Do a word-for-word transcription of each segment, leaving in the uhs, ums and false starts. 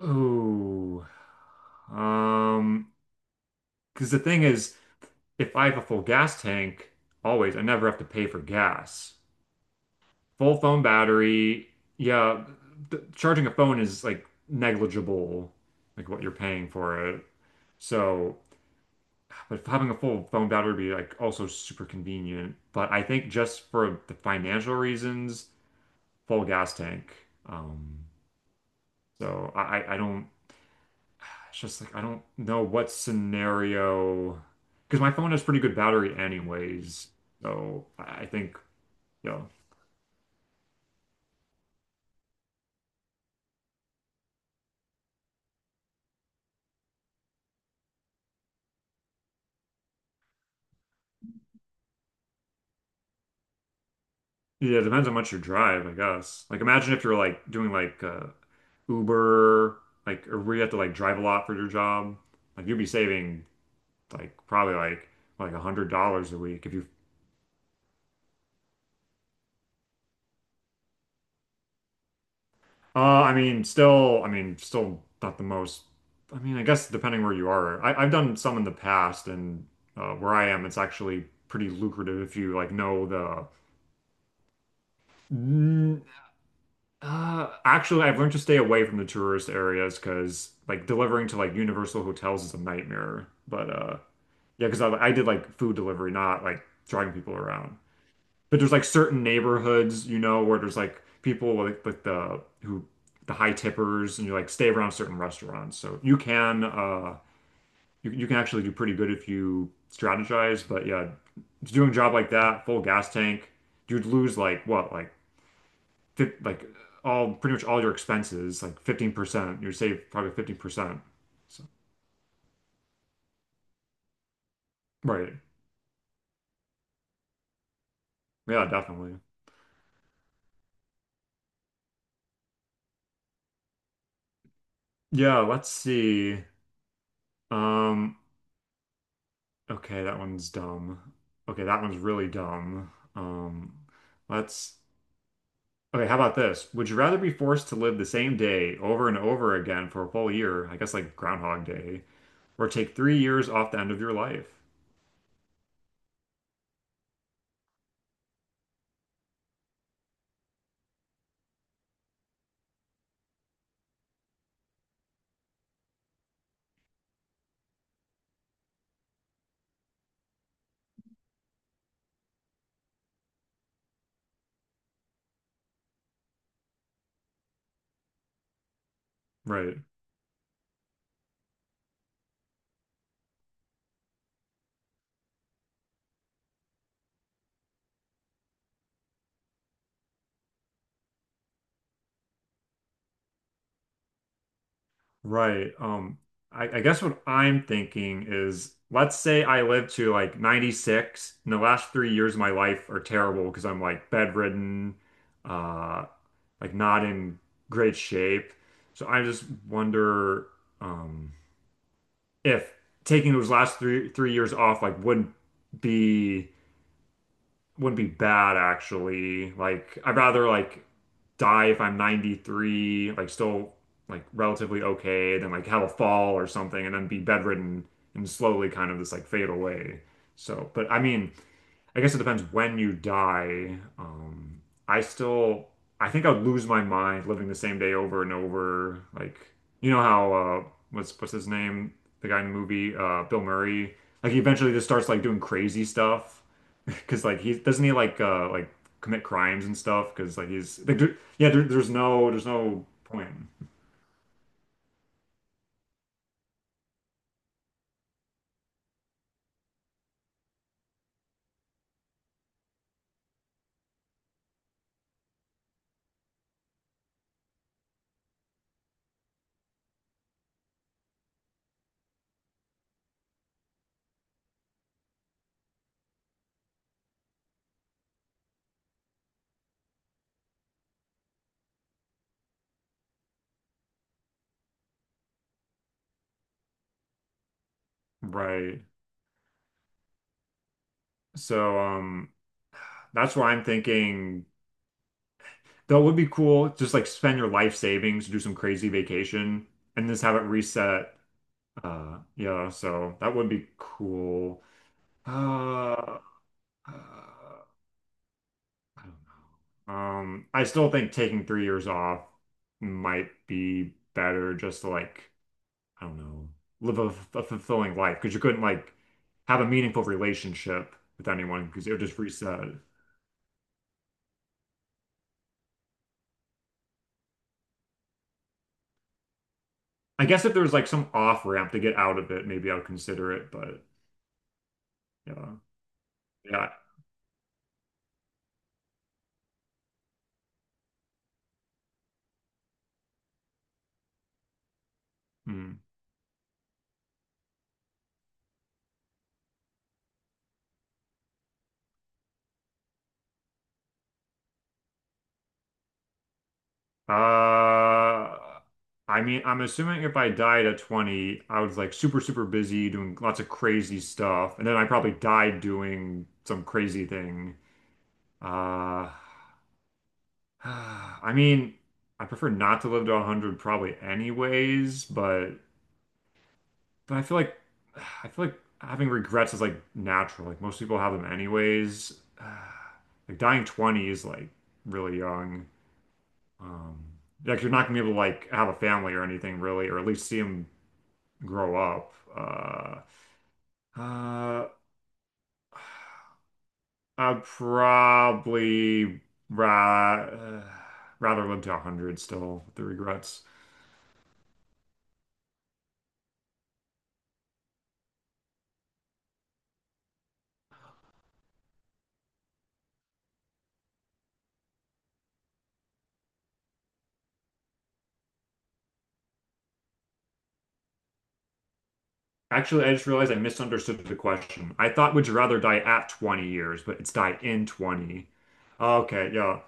Oh, um, because the thing is, if I have a full gas tank, always, I never have to pay for gas. Full phone battery, yeah, th charging a phone is like negligible, like what you're paying for it. So, but having a full phone battery would be like also super convenient. But I think just for the financial reasons, full gas tank. Um, so I, I I don't. It's just like I don't know what scenario because my phone has pretty good battery anyways. So I I think, you know, yeah, it depends how much you drive, I guess. Like imagine if you're like doing like uh Uber, like or where you have to like drive a lot for your job. Like you'd be saving like probably like like a hundred dollars a week if you. Uh, I mean, still, I mean, still not the most. I mean, I guess depending where you are, I, I've done some in the past, and uh, where I am, it's actually pretty lucrative if you like know the. Mm. Uh, actually, I've learned to stay away from the tourist areas because like delivering to like Universal hotels is a nightmare. But uh, yeah, because I, I did like food delivery, not like driving people around. But there's like certain neighborhoods, you know, where there's like people like like the who the high tippers, and you like stay around certain restaurants. So you can uh you, you can actually do pretty good if you strategize. But yeah, doing a job like that, full gas tank, you'd lose like what like fif like all pretty much all your expenses, like fifteen percent. You'd save probably fifteen percent. So right, yeah, definitely. Yeah, let's see. Um. Okay, that one's dumb. Okay, that one's really dumb. Um, let's. Okay, how about this? Would you rather be forced to live the same day over and over again for a full year, I guess like Groundhog Day, or take three years off the end of your life? Right, right. Um, I, I guess what I'm thinking is, let's say I live to like ninety-six, and the last three years of my life are terrible because I'm like bedridden. Uh, like not in great shape. So I just wonder um, if taking those last three three years off like wouldn't be wouldn't be bad actually. Like I'd rather like die if I'm ninety-three, like still like relatively okay, than like have a fall or something and then be bedridden and slowly kind of this like fade away. So, but I mean, I guess it depends when you die. Um, I still, I think I'd lose my mind living the same day over and over. Like, you know how uh, what's what's his name? The guy in the movie, uh, Bill Murray. Like, he eventually just starts like doing crazy stuff because like he doesn't he like uh like commit crimes and stuff because like he's like there, yeah, there, there's no there's no point. Right, so um that's why I'm thinking. That would be cool. Just like spend your life savings, do some crazy vacation, and just have it reset. Uh, yeah, so that would be cool. Uh, uh, I don't know. Um, I still think taking three years off might be better just to like, I don't know, live a a fulfilling life because you couldn't like have a meaningful relationship with anyone because it would just reset. I guess if there was like some off ramp to get out of it, maybe I would consider it, but yeah. Yeah. Hmm. Uh, I mean, I'm assuming if I died at twenty, I was like super, super busy doing lots of crazy stuff, and then I probably died doing some crazy thing. Uh, I mean, I prefer not to live to a hundred probably anyways, but but I feel like I feel like having regrets is like natural. Like most people have them anyways. Like dying twenty is like really young. Um, like you're not gonna be able to like have a family or anything really, or at least see them grow up. Uh, uh, I'd probably ra uh, rather live to a hundred still with the regrets. Actually, I just realized I misunderstood the question. I thought would you rather die at twenty years, but it's die in twenty. Okay, yeah.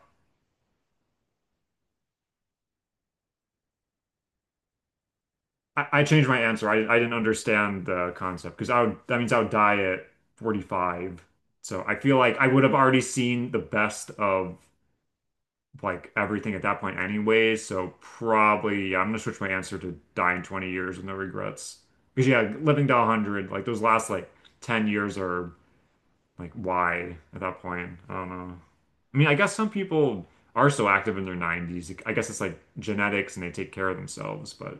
I, I changed my answer. I, I didn't understand the concept because I would that means I would die at forty-five. So I feel like I would have already seen the best of like everything at that point anyways. So probably yeah, I'm gonna switch my answer to die in twenty years with no regrets. Because yeah, living to a hundred, like those last like ten years are like why at that point? I don't know. I mean, I guess some people are so active in their nineties. I guess it's like genetics and they take care of themselves, but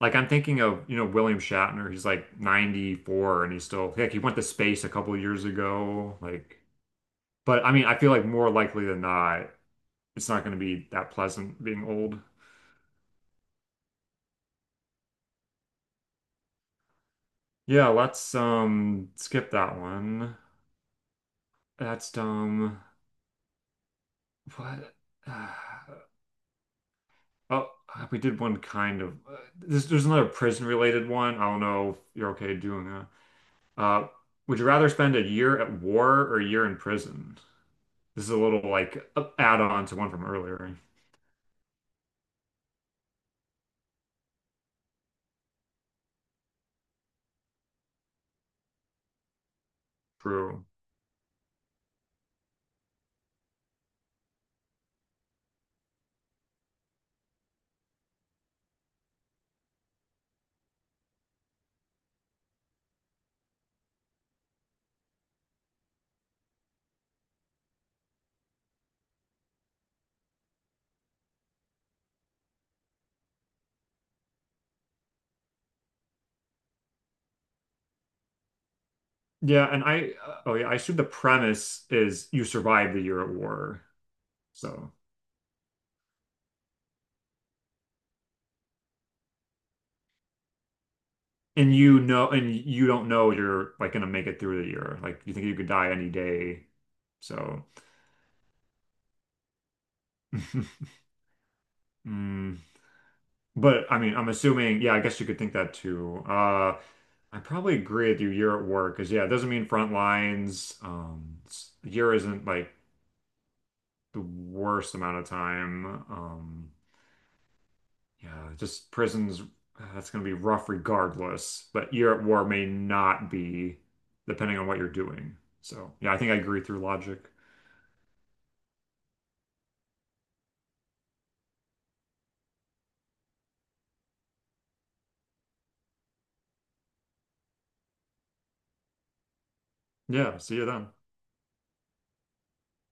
like I'm thinking of, you know, William Shatner. He's like ninety-four and he's still like he went to space a couple of years ago. Like, but I mean, I feel like more likely than not, it's not going to be that pleasant being old. Yeah, let's um skip that one. That's dumb. What? Oh, we did one kind of. Uh, This, there's another prison related one. I don't know if you're okay doing that. Uh, would you rather spend a year at war or a year in prison? This is a little like add-on to one from earlier. True. Yeah, and I uh, oh yeah, I assume the premise is you survive the year at war. So and you know and you don't know you're like gonna make it through the year. Like you think you could die any day. So mm. But I mean I'm assuming yeah, I guess you could think that too. Uh I probably agree with you year at war because yeah, it doesn't mean front lines. Um it's- year isn't like the worst amount of time. Um Yeah, just prisons, uh, that's going to be rough regardless, but year at war may not be, depending on what you're doing. So, yeah, I think I agree through logic. Yeah, see you then.